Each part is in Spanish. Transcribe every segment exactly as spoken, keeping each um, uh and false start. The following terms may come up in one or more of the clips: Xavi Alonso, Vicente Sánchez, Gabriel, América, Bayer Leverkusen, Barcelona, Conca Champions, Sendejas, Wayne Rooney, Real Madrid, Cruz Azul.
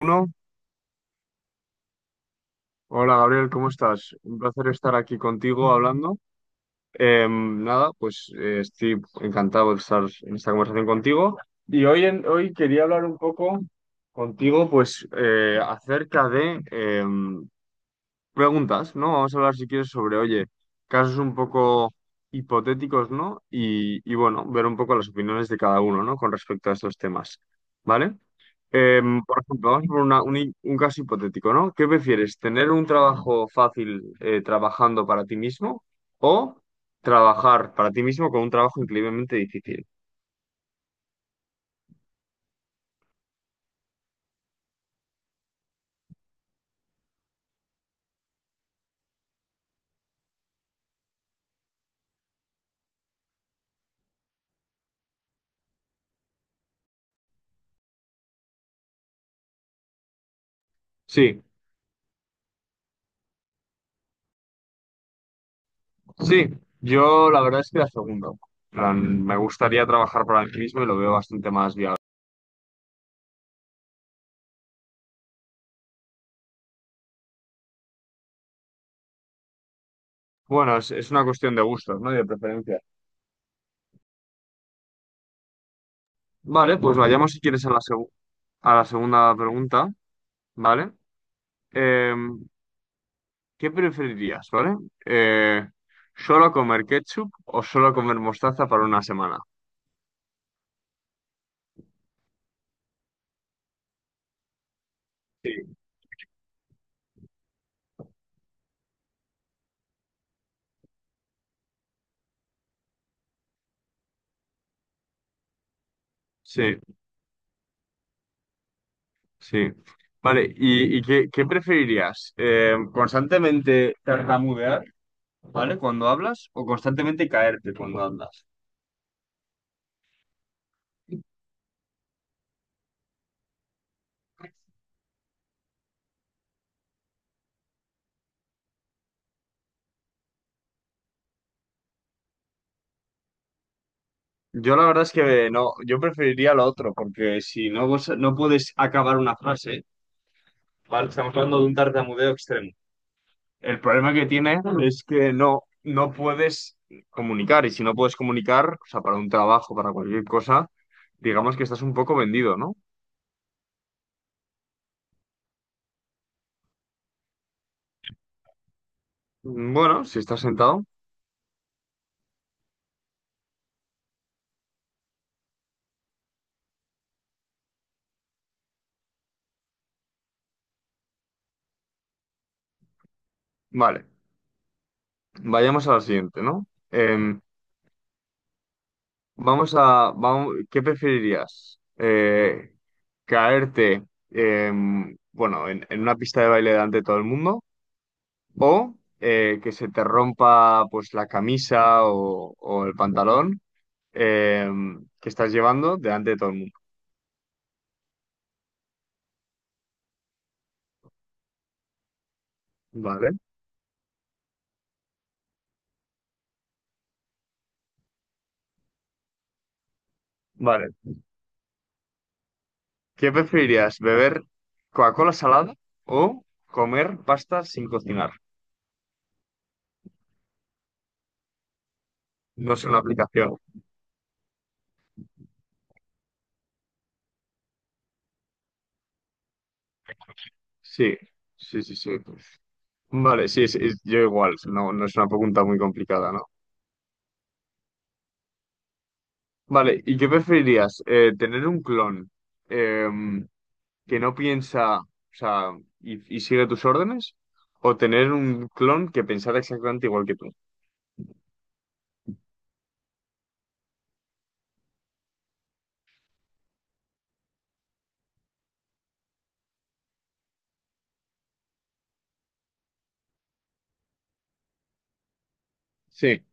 Uno. Hola Gabriel, ¿cómo estás? Un placer estar aquí contigo hablando. Em, nada, pues eh, estoy encantado de estar en esta conversación contigo. Y hoy, en, hoy quería hablar un poco contigo, pues eh, acerca de em, preguntas, ¿no? Vamos a hablar si quieres sobre, oye, casos un poco hipotéticos, ¿no? Y, y bueno, ver un poco las opiniones de cada uno, ¿no? Con respecto a estos temas, ¿vale? Em, por ejemplo, vamos a poner una- un, un caso hipotético, ¿no? ¿Qué prefieres? ¿Tener un trabajo fácil eh, trabajando para ti mismo o trabajar para ti mismo con un trabajo increíblemente difícil? Sí, sí, yo la verdad es que la segunda. En plan, me gustaría trabajar para mí mismo y lo veo bastante más viable. Bueno, es, es una cuestión de gustos, ¿no? Y de preferencia. Vale, pues vayamos si quieres a la, segu- a la segunda pregunta, ¿vale? Eh, ¿Qué preferirías? ¿Vale? Eh, ¿Solo comer ketchup o solo comer mostaza para una semana? Sí. Sí, sí. Vale, ¿y, y qué, qué preferirías? Eh, ¿constantemente tartamudear? ¿Vale? ¿Cuando hablas o constantemente caerte cuando hablas? Yo la verdad es que no, yo preferiría lo otro, porque si no, vos- no puedes acabar una frase, ¿vale? Estamos hablando de un tartamudeo extremo. El problema que tiene es que no, no puedes comunicar, y si no puedes comunicar, o sea, para un trabajo, para cualquier cosa, digamos que estás un poco vendido, ¿no? Bueno, si estás sentado, vale. Vayamos a la siguiente, ¿no? Em, vamos a, vamos, ¿qué preferirías? Eh, ¿caerte, em, bueno, en, en una pista de baile delante de todo el mundo, o eh, que se te rompa pues la camisa o o el pantalón, eh, que estás llevando delante de todo el mundo? Vale, vale. ¿Qué preferirías? ¿Beber Coca-Cola salada o comer pasta sin cocinar? No es una aplicación. Sí, sí, sí, sí. Vale, sí, sí, yo igual. No, no es una pregunta muy complicada, ¿no? Vale, ¿y qué preferirías? Eh, ¿tener un clon eh, que no piensa, o sea, y, y sigue tus órdenes? ¿O tener un clon que pensara exactamente igual que tú? Sí.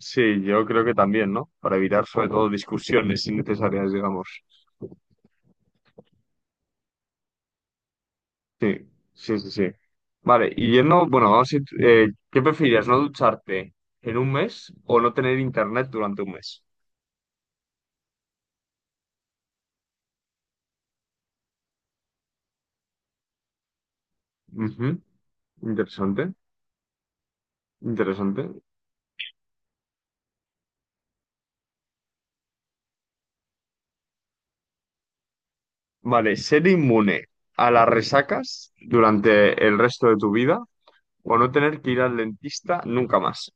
Sí, yo creo que también, ¿no? Para evitar sobre todo discusiones innecesarias, digamos. Sí, sí, sí, sí. Vale, y yendo, bueno, vamos a ir, eh, ¿qué preferirías, no ducharte en un mes o no tener internet durante un mes? Ujú. Interesante, interesante. Vale, ser inmune a las resacas durante el resto de tu vida o no tener que ir al dentista nunca más.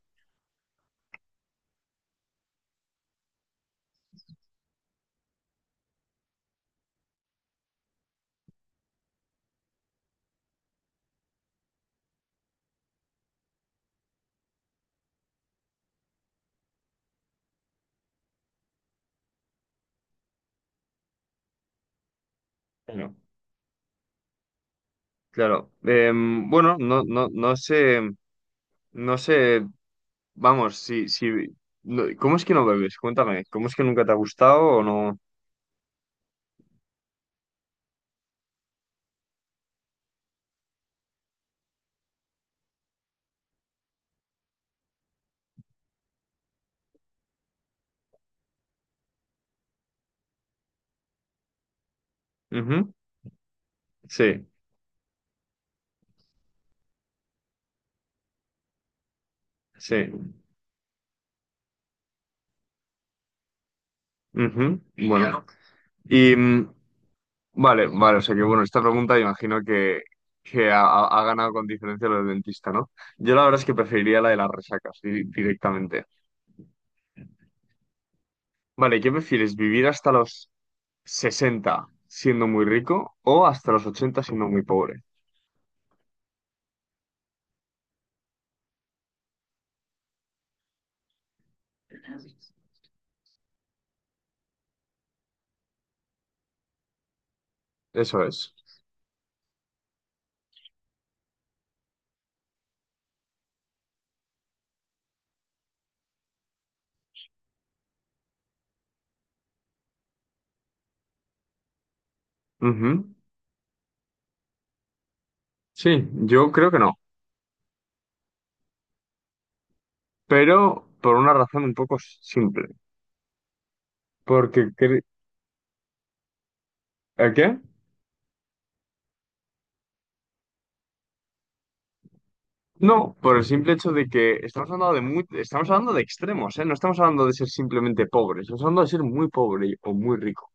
Claro. Claro. Em, bueno, no, no, no sé, no sé. Vamos, sí, sí. No- ¿cómo es que no bebes? Cuéntame, ¿cómo es que nunca te ha gustado o no? Ujú. Sí, sí. Ujú. Bueno. Y mm, vale, vale, o sea que bueno, esta pregunta imagino que, que ha, ha- ha ganado con diferencia lo del dentista, ¿no? Yo la verdad es que preferiría la de las resacas di- directamente. Vale, ¿qué prefieres? ¿Vivir hasta los sesenta siendo muy rico o hasta los ochenta siendo muy pobre? Eso es. Ujú. Sí, yo creo que no, pero por una razón un poco simple. Porque, cre- ¿a qué? No, por el simple hecho de que estamos hablando de muy, estamos hablando de extremos, ¿eh? No estamos hablando de ser simplemente pobres, estamos hablando de ser muy pobre o muy rico.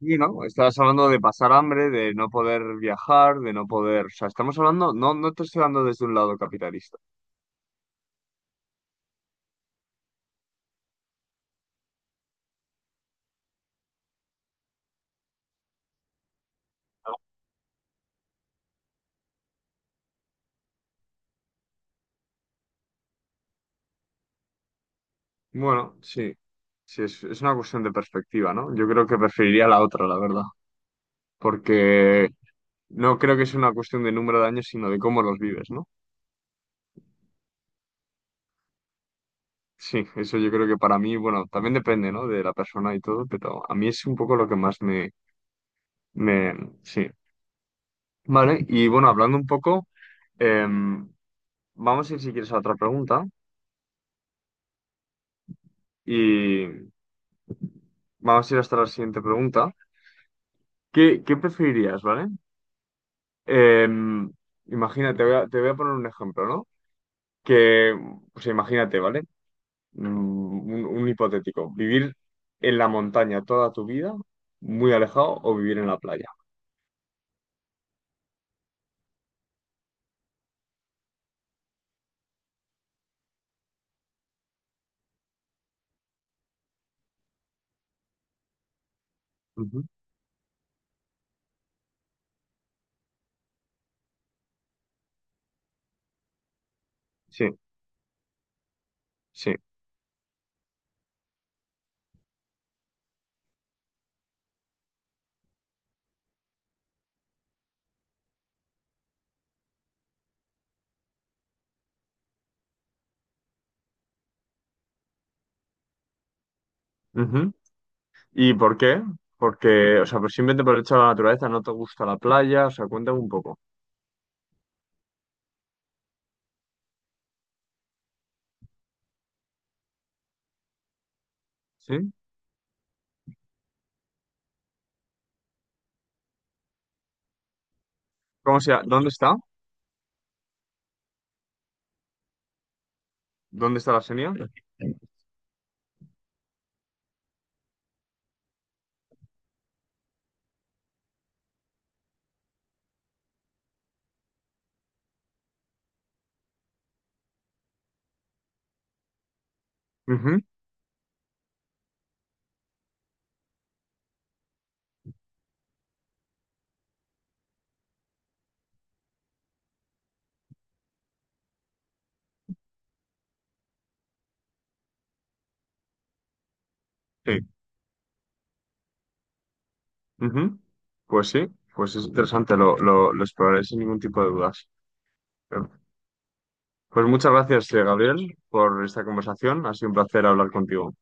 Y no, estás hablando de pasar hambre, de no poder viajar, de no poder, o sea, estamos hablando, no, no te estoy hablando desde un lado capitalista. Bueno, sí, sí, es, es una cuestión de perspectiva, ¿no? Yo creo que preferiría la otra, la verdad, porque no creo que sea una cuestión de número de años, sino de cómo los vives, ¿no? Sí, eso yo creo que para mí, bueno, también depende, ¿no? De la persona y todo, pero a mí es un poco lo que más me, me, sí. Vale, y bueno, hablando un poco, em, vamos a ir si quieres a otra pregunta y vamos a ir hasta la siguiente pregunta. ¿Qué, qué preferirías, vale? Em, Imagínate, voy a- te voy a poner un ejemplo, ¿no? Que, pues imagínate, ¿vale? Mm, Un, un hipotético, vivir en la montaña toda tu vida, muy alejado, o vivir en la playa. Ujú. Sí. Sí. Ujú. ¿Y por qué? Porque, o sea, pues simplemente por el hecho de la naturaleza, no te gusta la playa, o sea, cuéntame un poco. ¿Sí? ¿Cómo se llama? ¿Dónde está? ¿Dónde está la Xenia? Ujú. Sí. Ujú. Pues sí, pues es interesante, lo, lo, lo exploraré sin ningún tipo de dudas. Pues muchas gracias, eh, Gabriel, por esta conversación. Ha sido un placer hablar contigo.